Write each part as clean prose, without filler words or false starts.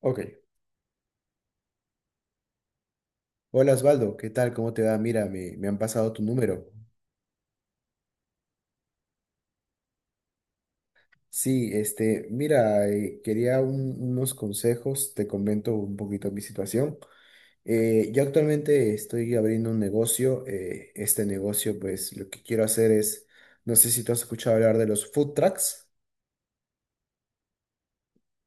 Ok. Hola Osvaldo, ¿qué tal? ¿Cómo te va? Mira, me han pasado tu número. Sí, este, mira, quería unos consejos, te comento un poquito mi situación. Yo actualmente estoy abriendo un negocio, este negocio pues lo que quiero hacer es, no sé si tú has escuchado hablar de los food trucks.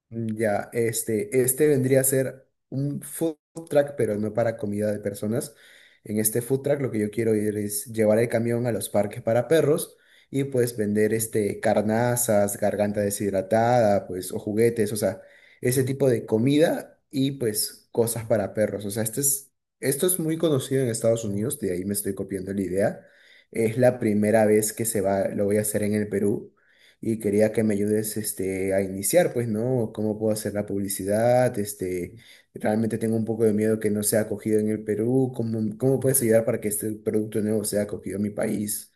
Ya, este vendría a ser un food truck, pero no para comida de personas. En este food truck lo que yo quiero ir es llevar el camión a los parques para perros y pues vender este carnazas, garganta deshidratada, pues o juguetes, o sea, ese tipo de comida y pues cosas para perros. Esto es muy conocido en Estados Unidos, de ahí me estoy copiando la idea. Es la primera vez que se va, lo voy a hacer en el Perú y quería que me ayudes este, a iniciar, pues, ¿no? ¿Cómo puedo hacer la publicidad? Este, realmente tengo un poco de miedo que no sea acogido en el Perú. ¿¿Cómo puedes ayudar para que este producto nuevo sea acogido en mi país?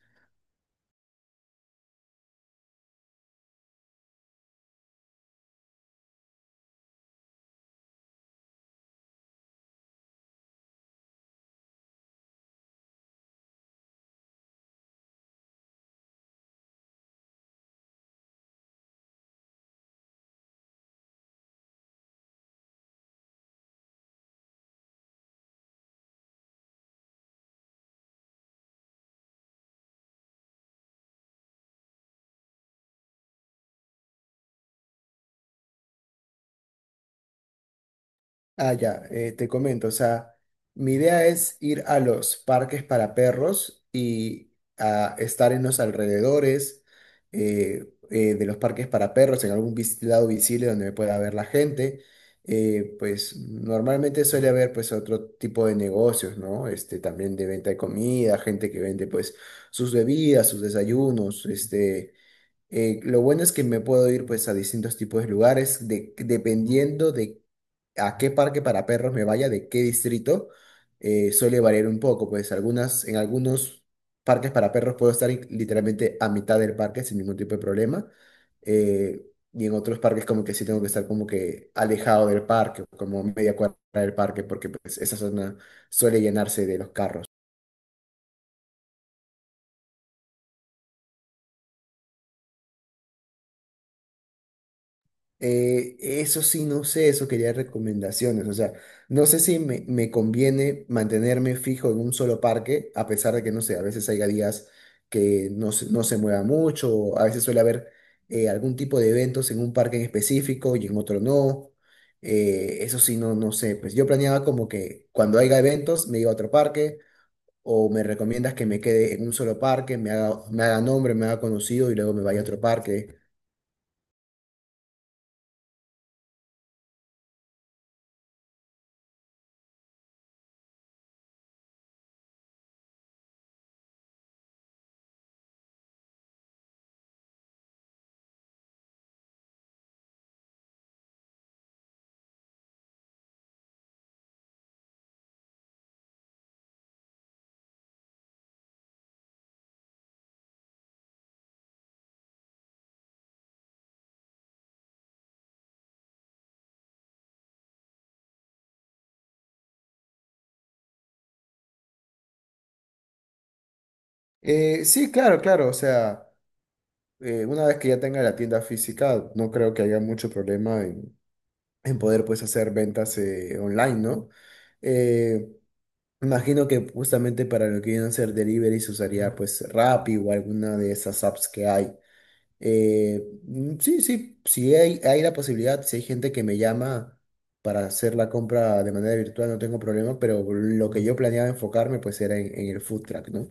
Ah, ya, te comento, o sea, mi idea es ir a los parques para perros y a estar en los alrededores eh, de los parques para perros, en algún lado visible donde me pueda ver la gente. Pues normalmente suele haber pues otro tipo de negocios, ¿no? Este, también de venta de comida, gente que vende pues sus bebidas, sus desayunos, este lo bueno es que me puedo ir pues a distintos tipos de lugares, dependiendo de a qué parque para perros me vaya, de qué distrito, suele variar un poco, pues algunas, en algunos parques para perros puedo estar literalmente a mitad del parque sin ningún tipo de problema, eh, y en otros parques como que sí tengo que estar como que alejado del parque, como media cuadra del parque, porque pues esa zona suele llenarse de los carros. Eso sí, no sé, eso quería recomendaciones. O sea, no sé si me conviene mantenerme fijo en un solo parque, a pesar de que, no sé, a veces haya días que no se mueva mucho, o a veces suele haber algún tipo de eventos en un parque en específico y en otro no. Eso sí, no, no sé. Pues yo planeaba como que cuando haya eventos me iba a otro parque, o me recomiendas que me quede en un solo parque, me haga nombre, me haga conocido y luego me vaya a otro parque. Sí, claro, claro, o sea. Una vez que ya tenga la tienda física, no creo que haya mucho problema en poder pues hacer ventas online, ¿no? Eh, imagino que justamente para lo que vienen a ser deliveries usaría pues Rappi o alguna de esas apps que hay. Sí, sí, si hay, hay la posibilidad, si hay gente que me llama para hacer la compra de manera virtual, no tengo problema, pero lo que yo planeaba enfocarme pues era en el food truck, ¿no?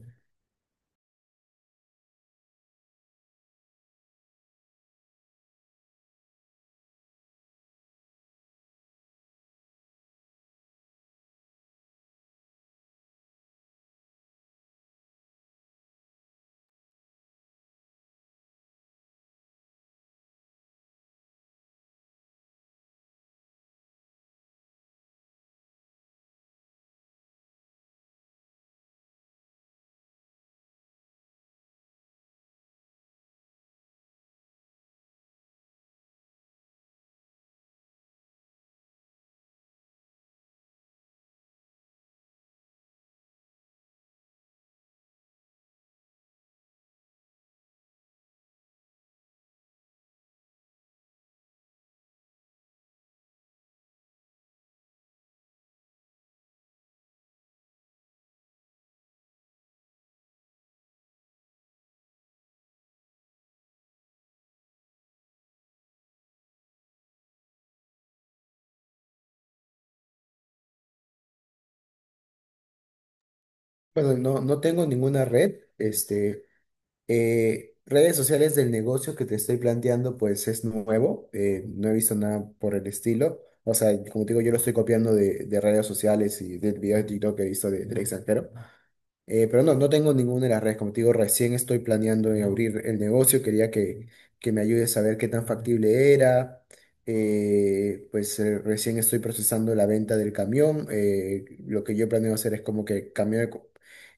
Bueno, no, no tengo ninguna red, este... redes sociales del negocio que te estoy planteando, pues es nuevo, no he visto nada por el estilo. O sea, como te digo, yo lo estoy copiando de redes sociales y de videos de TikTok que he visto del extranjero. Pero no, no tengo ninguna de las redes. Como te digo, recién estoy planeando en abrir el negocio. Que me ayudes a ver qué tan factible era. Recién estoy procesando la venta del camión. Lo que yo planeo hacer es como que cambiar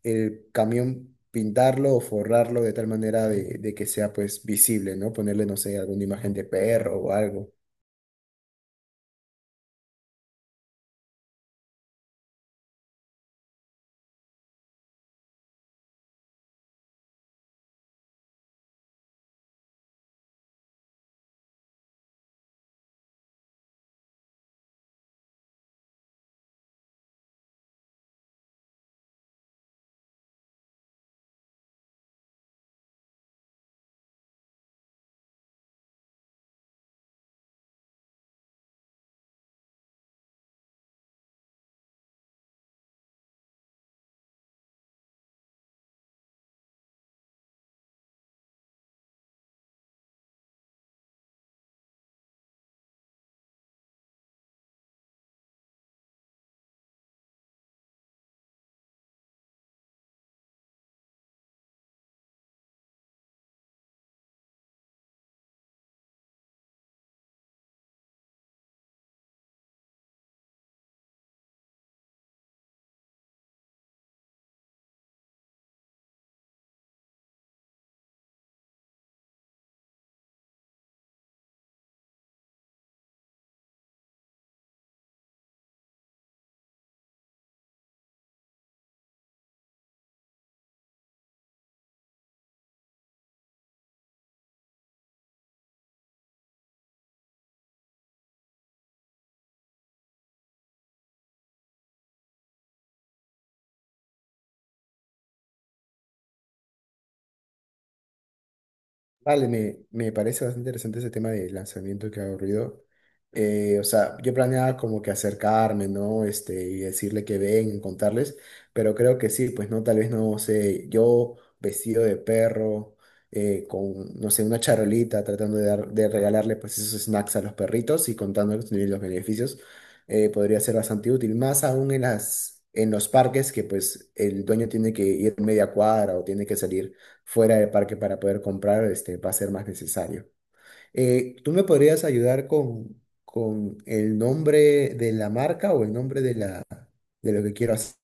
el camión, pintarlo o forrarlo de tal manera de que sea pues visible, ¿no? Ponerle, no sé, alguna imagen de perro o algo. Vale, me parece bastante interesante ese tema de lanzamiento que ha ocurrido. O sea, yo planeaba como que acercarme, ¿no? Este, y decirle que ven, contarles, pero creo que sí, pues no, tal vez no sé, yo vestido de perro, con, no sé, una charolita, tratando de dar, de regalarle pues esos snacks a los perritos y contándoles también los beneficios, podría ser bastante útil, más aún en en los parques que pues el dueño tiene que ir media cuadra o tiene que salir fuera del parque para poder comprar, este, va a ser más necesario. ¿Tú me podrías ayudar con el nombre de la marca o el nombre de la, de lo que quiero hacer?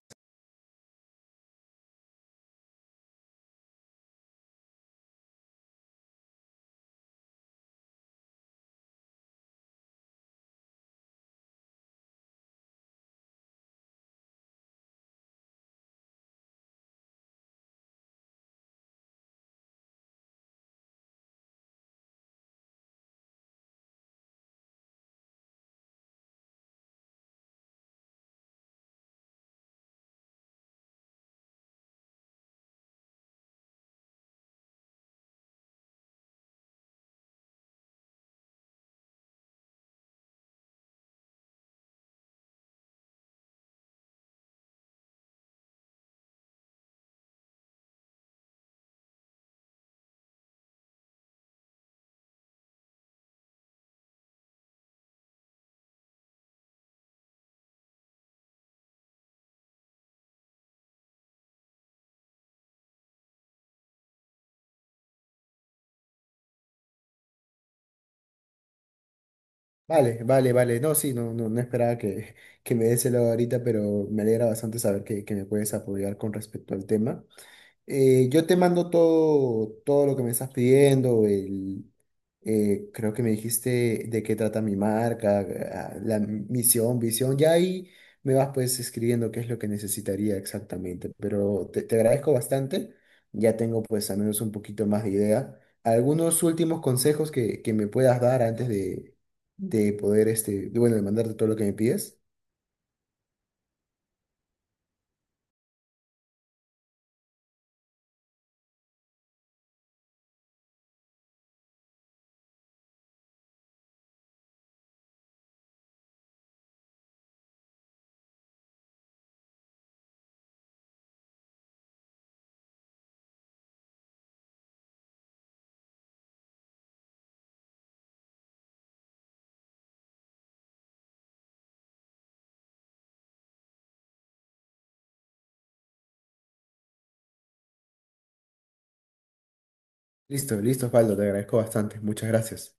Vale, vale, vale. No, sí, no, no, no esperaba que me des el lado ahorita, pero me alegra bastante saber que me puedes apoyar con respecto al tema. Yo te mando todo, todo lo que me estás pidiendo, creo que me dijiste de qué trata mi marca, ah, la misión, visión, ya ahí me vas pues escribiendo qué es lo que necesitaría exactamente, pero te agradezco bastante, ya tengo pues al menos un poquito más de idea. Algunos últimos consejos que me puedas dar antes de poder, este, bueno, de mandarte todo lo que me pides. Listo, listo, Osvaldo, te agradezco bastante, muchas gracias.